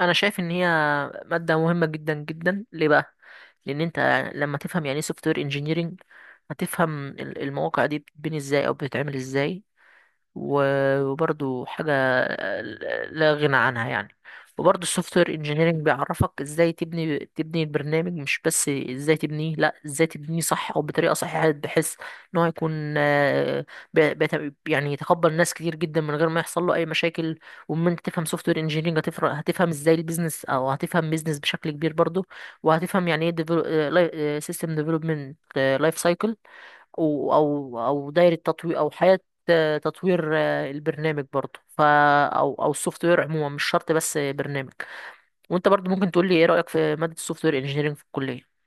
انا شايف ان هي ماده مهمه جدا جدا ليه بقى؟ لان انت لما تفهم يعني ايه سوفت وير انجينيرنج هتفهم المواقع دي بتتبني ازاي او بتتعمل ازاي؟ وبرضو حاجة لا غنى عنها يعني. وبرضو السوفت وير انجينيرنج بيعرفك ازاي تبني البرنامج، مش بس ازاي تبنيه، لا ازاي تبنيه صح او بطريقة صحيحة، بحيث ان هو يكون آه، يعني يتقبل ناس كتير جدا من غير ما يحصل له اي مشاكل. ومن انت تفهم سوفت وير انجينيرنج هتفرق، هتفهم ازاي البيزنس او هتفهم بيزنس بشكل كبير برضو. وهتفهم يعني ايه سيستم ديفلوبمنت لايف سايكل، او دايره تطوير او حياه تطوير البرنامج برضه، ف او السوفت وير عموما، مش شرط بس برنامج. وانت برضه ممكن تقول لي ايه رايك في ماده السوفت وير انجينيرنج في الكليه؟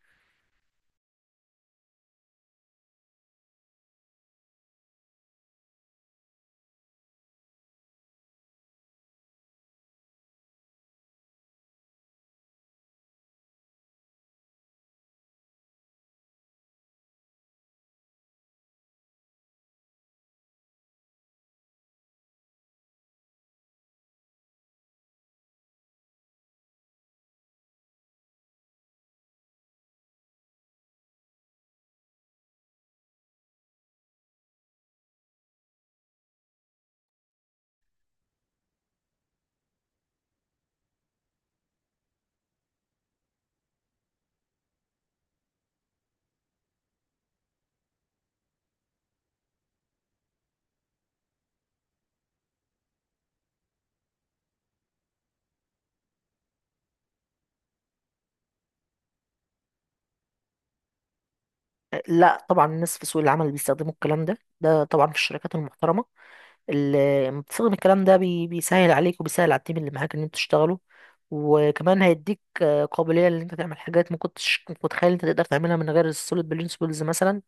لا طبعا الناس في سوق العمل بيستخدموا الكلام ده، ده طبعا في الشركات المحترمة. لما تستخدم الكلام ده بيسهل عليك وبيسهل على التيم اللي معاك ان انتوا تشتغلوا. وكمان هيديك قابلية ان انت تعمل حاجات ما كنتش كنت متخيل انت تقدر تعملها من غير السوليد برينسيبلز مثلا.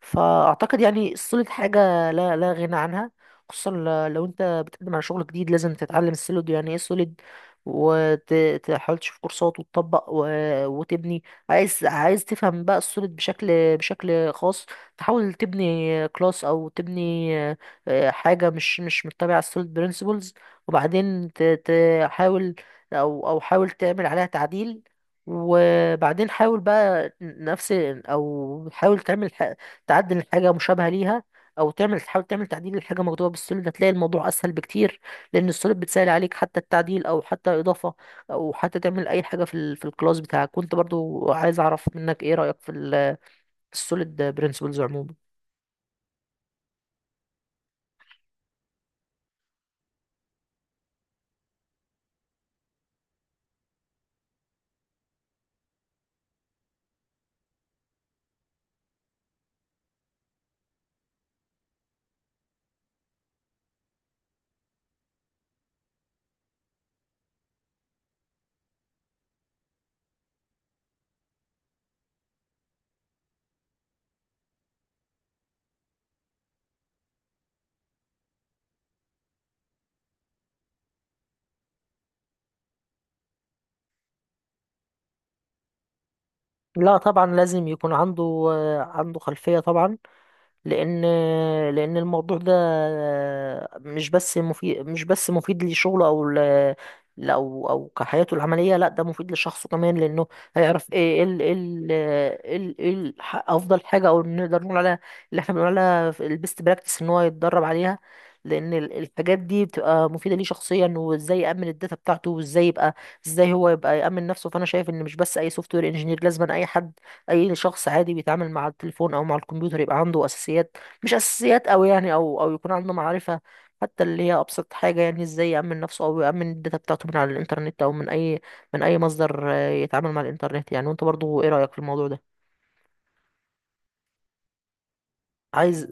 فاعتقد يعني السوليد حاجة لا غنى عنها، خصوصا لو انت بتقدم على شغل جديد لازم تتعلم السوليد، يعني ايه سوليد، وتحاول تشوف كورسات وتطبق وتبني. عايز تفهم بقى السوليد بشكل، بشكل خاص، تحاول تبني كلاس او تبني حاجة مش متبعة على السوليد برينسيبلز، وبعدين تحاول أو حاول تعمل عليها تعديل، وبعدين حاول بقى نفس، أو حاول تعمل ح- تعدل حاجة مشابهة ليها، أو تعمل تحاول تعمل تعديل لحاجة مكتوبة بالسوليد، هتلاقي الموضوع أسهل بكتير. لأن السوليد بتسهل عليك حتى التعديل أو حتى إضافة أو حتى تعمل أي حاجة في في الكلاس بتاعك. كنت برضو عايز أعرف منك إيه رأيك في في السوليد برينسيبلز عموما؟ لا طبعا لازم يكون عنده عنده خلفية طبعا. لأن لأن الموضوع ده مش بس مفيد لشغله أو كحياته العملية، لا ده مفيد لشخصه كمان. لأنه هيعرف إيه إيه ال إيه ال إيه ال إيه ال أفضل حاجة أو نقدر نقول عليها، اللي إحنا بنقول عليها البيست براكتس، إن هو يتدرب عليها. لأن الحاجات دي بتبقى مفيدة ليه شخصيا، وإزاي يأمن الداتا بتاعته، وإزاي يبقى، إزاي هو يبقى يأمن نفسه. فأنا شايف إن مش بس أي سوفت وير إنجينير لازم، أي حد، اي شخص عادي بيتعامل مع التليفون او مع الكمبيوتر يبقى عنده اساسيات، مش اساسيات أوي يعني، او يكون عنده معرفة حتى اللي هي ابسط حاجة، يعني ازاي يأمن نفسه او يأمن الداتا بتاعته من على الانترنت او من اي، من اي مصدر يتعامل مع الانترنت يعني. وانت برضو ايه رأيك في الموضوع ده؟ عايز.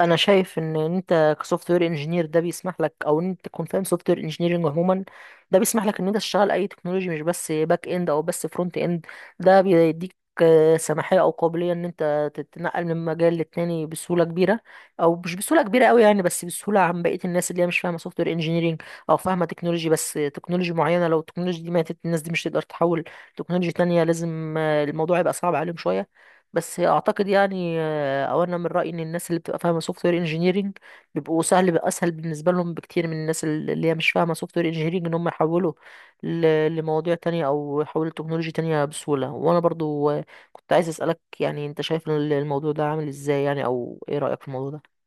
انا شايف ان انت كسوفت وير انجينير، ده بيسمح لك او ان انت تكون فاهم سوفت وير انجينيرنج عموما، ده بيسمح لك ان انت تشتغل اي تكنولوجي، مش بس باك اند او بس فرونت اند. ده بيديك سماحيه او قابليه ان انت تتنقل من مجال للتاني بسهوله كبيره، او مش بسهوله كبيره قوي يعني، بس بسهوله عن بقيه الناس اللي هي مش فاهمه سوفت وير انجينيرنج، او فاهمه تكنولوجي بس تكنولوجي معينه. لو التكنولوجي دي ماتت الناس دي مش تقدر تحول تكنولوجي تانية، لازم الموضوع يبقى صعب عليهم شويه. بس اعتقد يعني، او انا من رايي ان الناس اللي بتبقى فاهمه سوفت وير انجينيرنج بيبقوا سهل، بيبقى اسهل بالنسبه لهم بكتير من الناس اللي هي مش فاهمه سوفت وير انجينيرنج، ان هم يحولوا لمواضيع تانية او يحولوا لتكنولوجيا تانية بسهوله. وانا برضو كنت عايز اسالك، يعني انت شايف الموضوع ده عامل ازاي يعني، او ايه رايك في الموضوع ده؟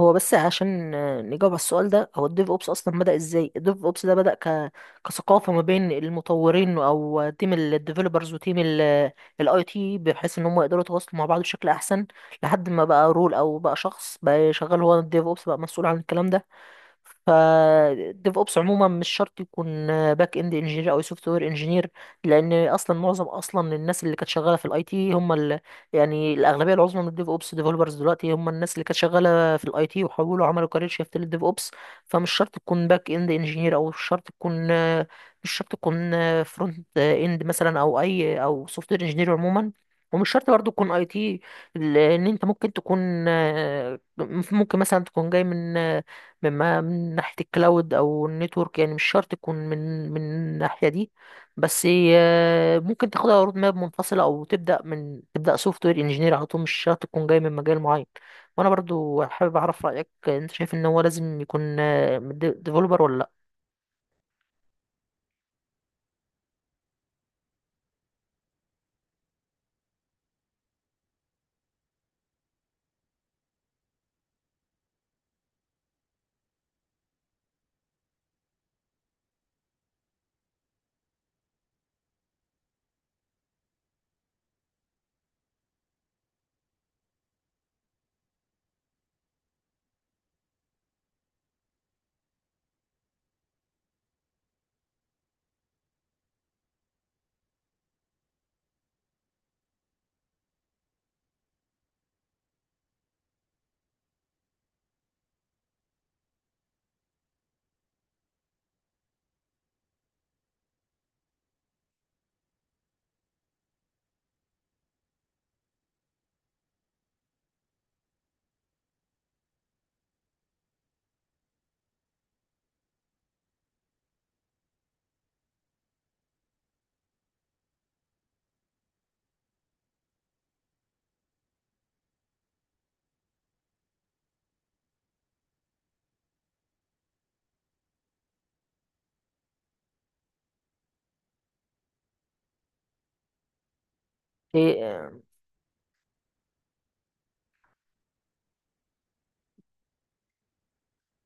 هو بس عشان نجاوب على السؤال ده، هو الديف اوبس اصلا بدأ ازاي؟ الديف اوبس ده بدأ كثقافة ما بين المطورين او تيم الديفلوبرز وتيم الاي تي، بحيث ان هم يقدروا يتواصلوا مع بعض بشكل احسن، لحد ما بقى رول او بقى شخص بقى شغال هو الديف اوبس بقى مسؤول عن الكلام ده. فالديف اوبس عموما مش شرط يكون باك اند انجينير او سوفت وير انجينير، لان اصلا معظم اصلا الناس اللي كانت شغاله في الاي تي هم يعني الاغلبيه العظمى من الديف اوبس ديفلوبرز دلوقتي هم الناس اللي كانت شغاله في الاي تي وحولوا، عملوا كارير شيفت للديف اوبس. فمش شرط تكون باك اند انجينير، او مش شرط تكون فرونت اند مثلا، او اي او سوفت وير انجينير عموما. ومش شرط برضه تكون اي تي، لان انت ممكن تكون، ممكن مثلا تكون جاي من، من ناحية الكلاود أو النتورك يعني، مش شرط تكون من الناحية دي. بس ممكن تاخدها رود ماب منفصلة أو تبدأ سوفت وير انجينير على طول، مش شرط تكون جاي من مجال معين. وأنا برضو حابب أعرف رأيك، أنت شايف إن هو لازم يكون ديفلوبر ولا لأ؟ إيه،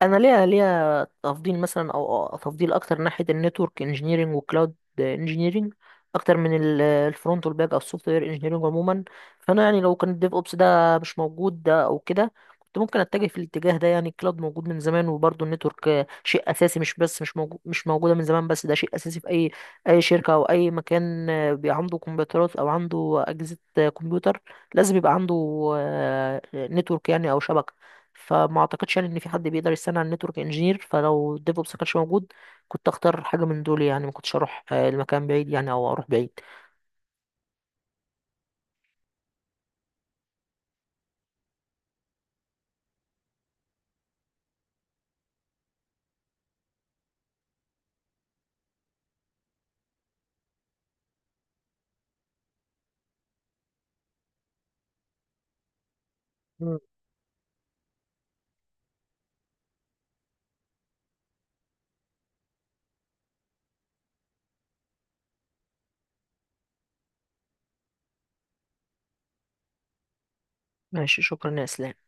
انا ليا تفضيل مثلا او تفضيل اكتر ناحيه النتورك انجينيرنج والكلاود انجينيرنج، اكتر من الفرونت والباك او السوفت وير انجينيرنج عموما. فانا يعني لو كان الديف اوبس ده مش موجود ده او كده، كنت ممكن اتجه في الاتجاه ده يعني. الكلاود موجود من زمان، وبرضه النتورك شيء اساسي، مش بس مش موجوده من زمان، بس ده شيء اساسي في اي، اي شركه او اي مكان عنده كمبيوترات او عنده اجهزه كمبيوتر، لازم يبقى عنده نتورك يعني او شبكه. فما اعتقدش يعني ان في حد بيقدر يستنى على النتورك انجينير، فلو الديفوبس ما كانش موجود كنت اختار حاجه من دول يعني، ما كنتش اروح المكان بعيد يعني او اروح بعيد. مم. ماشي، شكرا يا اسلام.